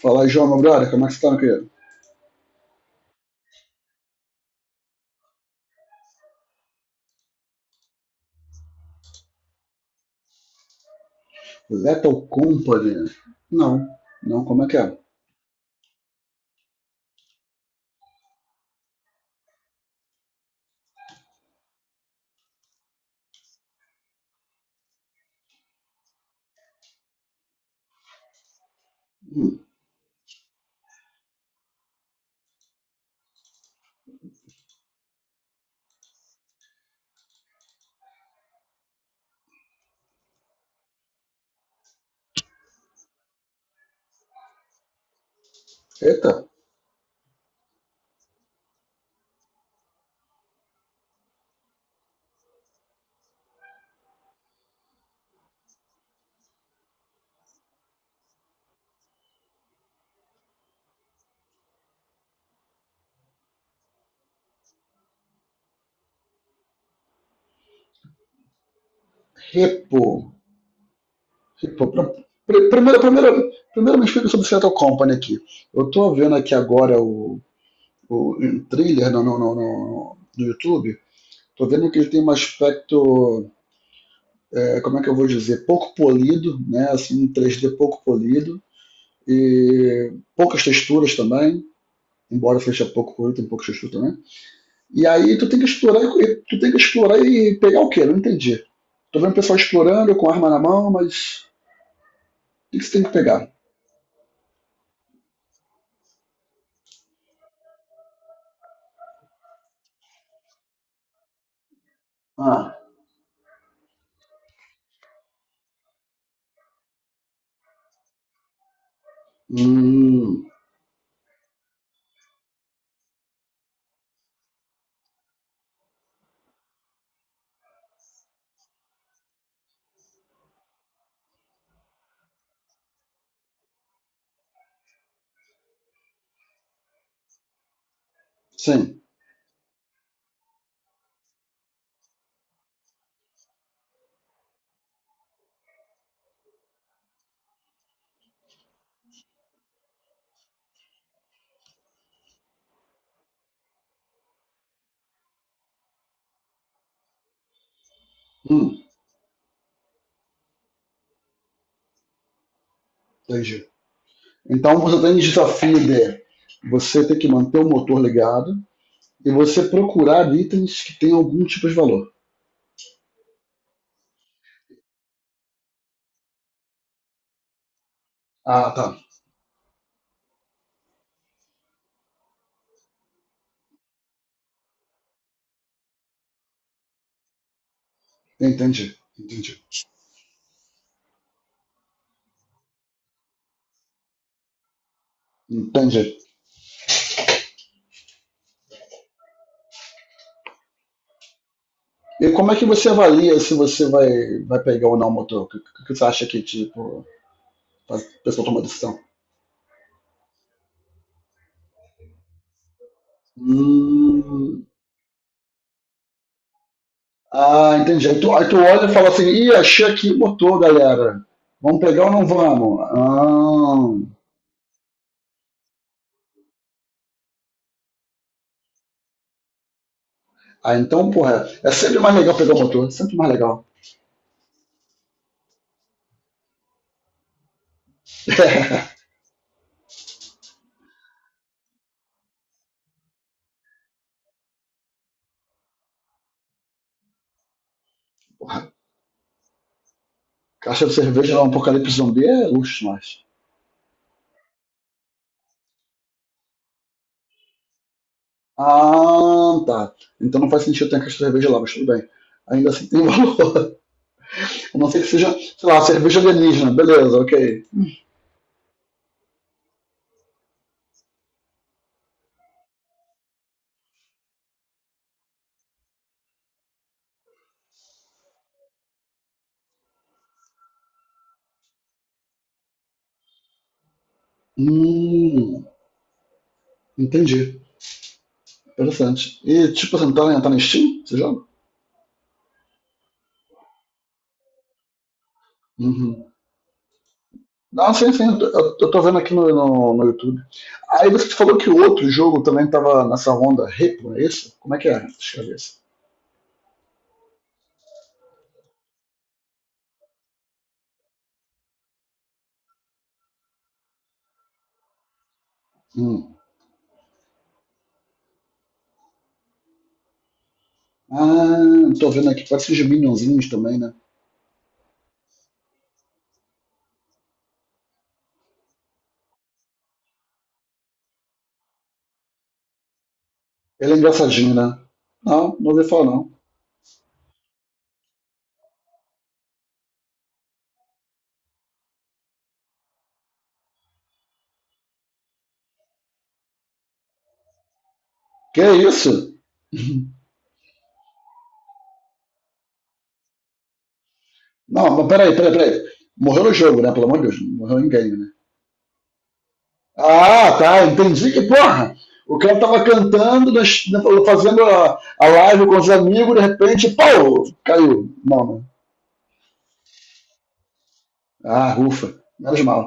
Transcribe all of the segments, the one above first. Fala aí, João, meu brother, como é que você tá, meu querido? Lethal Company? Não, não, como é que é? Hum. Eita. Repo. Repo. Primeiro, primeiro me explica sobre o Lethal Company aqui. Eu tô vendo aqui agora o um trailer no YouTube, tô vendo que ele tem um aspecto, é, como é que eu vou dizer, pouco polido, né, assim, um 3D pouco polido, e poucas texturas também, embora seja pouco polido, tem poucas texturas também. E aí tu tem que explorar e tu tem que explorar e pegar o quê? Não entendi. Tô vendo o pessoal explorando com arma na mão, mas o que que você tem que pegar? Ah. Hum. Sim. Hum, entendi. Então você tem desafio de você ter que manter o motor ligado e você procurar itens que tenham algum tipo de valor. Ah, tá. Entendi, entendi, entendi. E como é que você avalia se você vai pegar ou não o motor? O que, que você acha que, tipo, faz a pessoa toma decisão? Hum. Ah, entendi. Aí tu olha e fala assim, ih, achei aqui, botou, galera. Vamos pegar ou não vamos? Ah, ah então, porra, é sempre mais legal pegar o motor, é sempre mais legal. Caixa de cerveja lá, um apocalipse zumbi é luxo mais. Ah, tá. Então não faz sentido ter a caixa de cerveja lá, mas tudo bem. Ainda assim tem valor. A não ser que seja, sei lá, cerveja alienígena. Beleza, ok. Hum, entendi. Interessante. E tipo, você não tá na Steam? Você joga? Uhum. Não, sim, sim, eu tô vendo aqui no YouTube. Aí você falou que o outro jogo também tava nessa onda Repo, é isso? Como é que é? Deixa eu ver isso. Hum. Ah, tô vendo aqui, parece os Minionzinhos também, né? Ele é engraçadinho, né? Não, não ouvi falar não. Que é isso? Não, mas peraí. Morreu no jogo, né? Pelo amor de Deus, não morreu ninguém, né? Ah, tá, entendi que porra! O cara tava cantando, fazendo a live com os amigos, de repente, pau, caiu. Não, não. Ah, ufa, menos mal.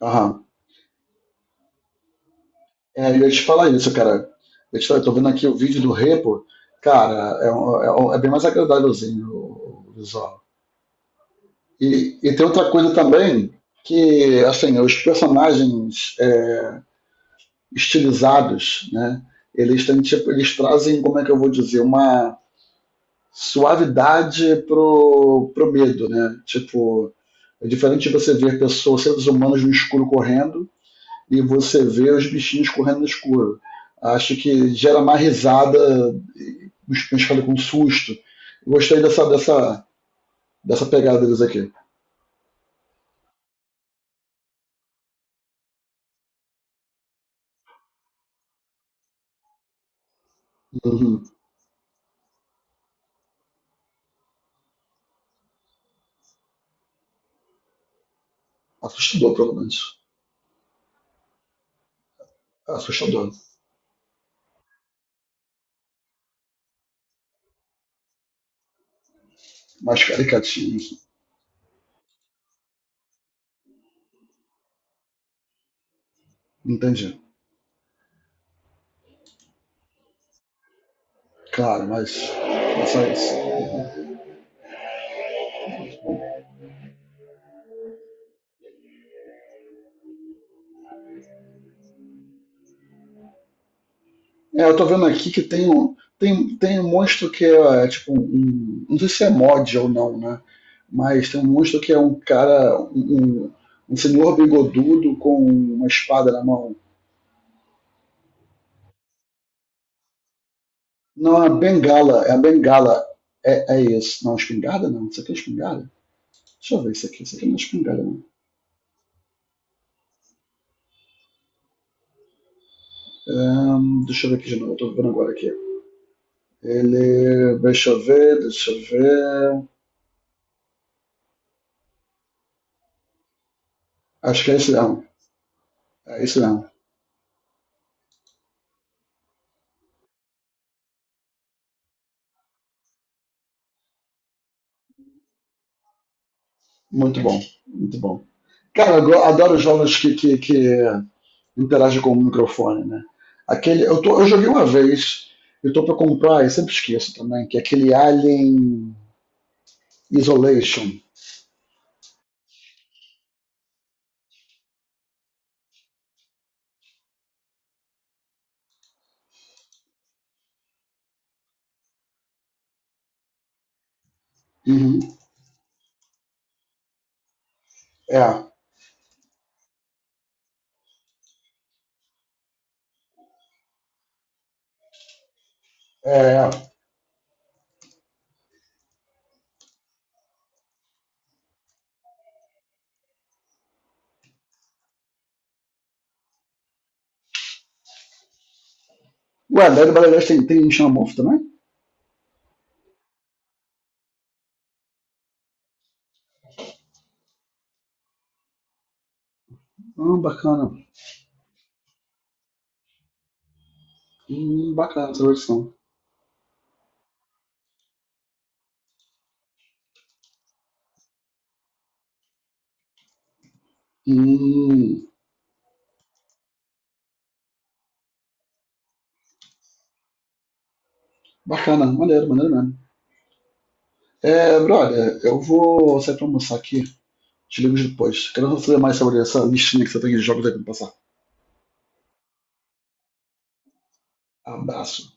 Aham. É, eu ia te falar isso, cara. Eu tô vendo aqui o vídeo do Repo. Cara, é, é bem mais agradávelzinho o visual. E tem outra coisa também, que, assim, os personagens é, estilizados, né? Eles têm, tipo, eles trazem, como é que eu vou dizer, uma suavidade pro, pro medo, né? Tipo, é diferente de você ver pessoas, seres humanos no escuro correndo, e você vê os bichinhos correndo no escuro. Acho que gera mais risada, os cães ficam com susto. Eu gostei dessa pegada deles aqui. Uhum. Assustador, provavelmente. Assustador. Mais caricatinho. Entendi. Claro, mas é só isso. É, eu tô vendo aqui que tem um monstro que é, é tipo um. Não sei se é mod ou não, né? Mas tem um monstro que é um cara. Um senhor bigodudo com uma espada na mão. Não, é bengala, é a bengala. É, é isso. Não, espingarda não. Isso aqui é espingarda? Deixa eu ver isso aqui. Isso aqui não é espingarda, não. Deixa eu ver aqui de novo. Eu tô vendo agora aqui. Ele. Deixa eu ver, deixa eu ver. Acho que é isso mesmo. É isso mesmo. Muito bom, muito bom. Cara, adoro jogos que interagem com o microfone, né? Aquele, eu joguei uma vez, eu tô pra comprar, eu sempre esqueço também, que é aquele Alien Isolation. Uhum. É, é, é. O Adélio Brasileiro tem xamamofo também? Ah, bacana. Bacana essa versão. Hum, bacana. Maneiro, maneiro mesmo. É, brother, eu vou sair pra almoçar aqui. Te ligo depois. Quero saber mais sobre essa listinha que você tem de jogos aí pra me passar. Abraço.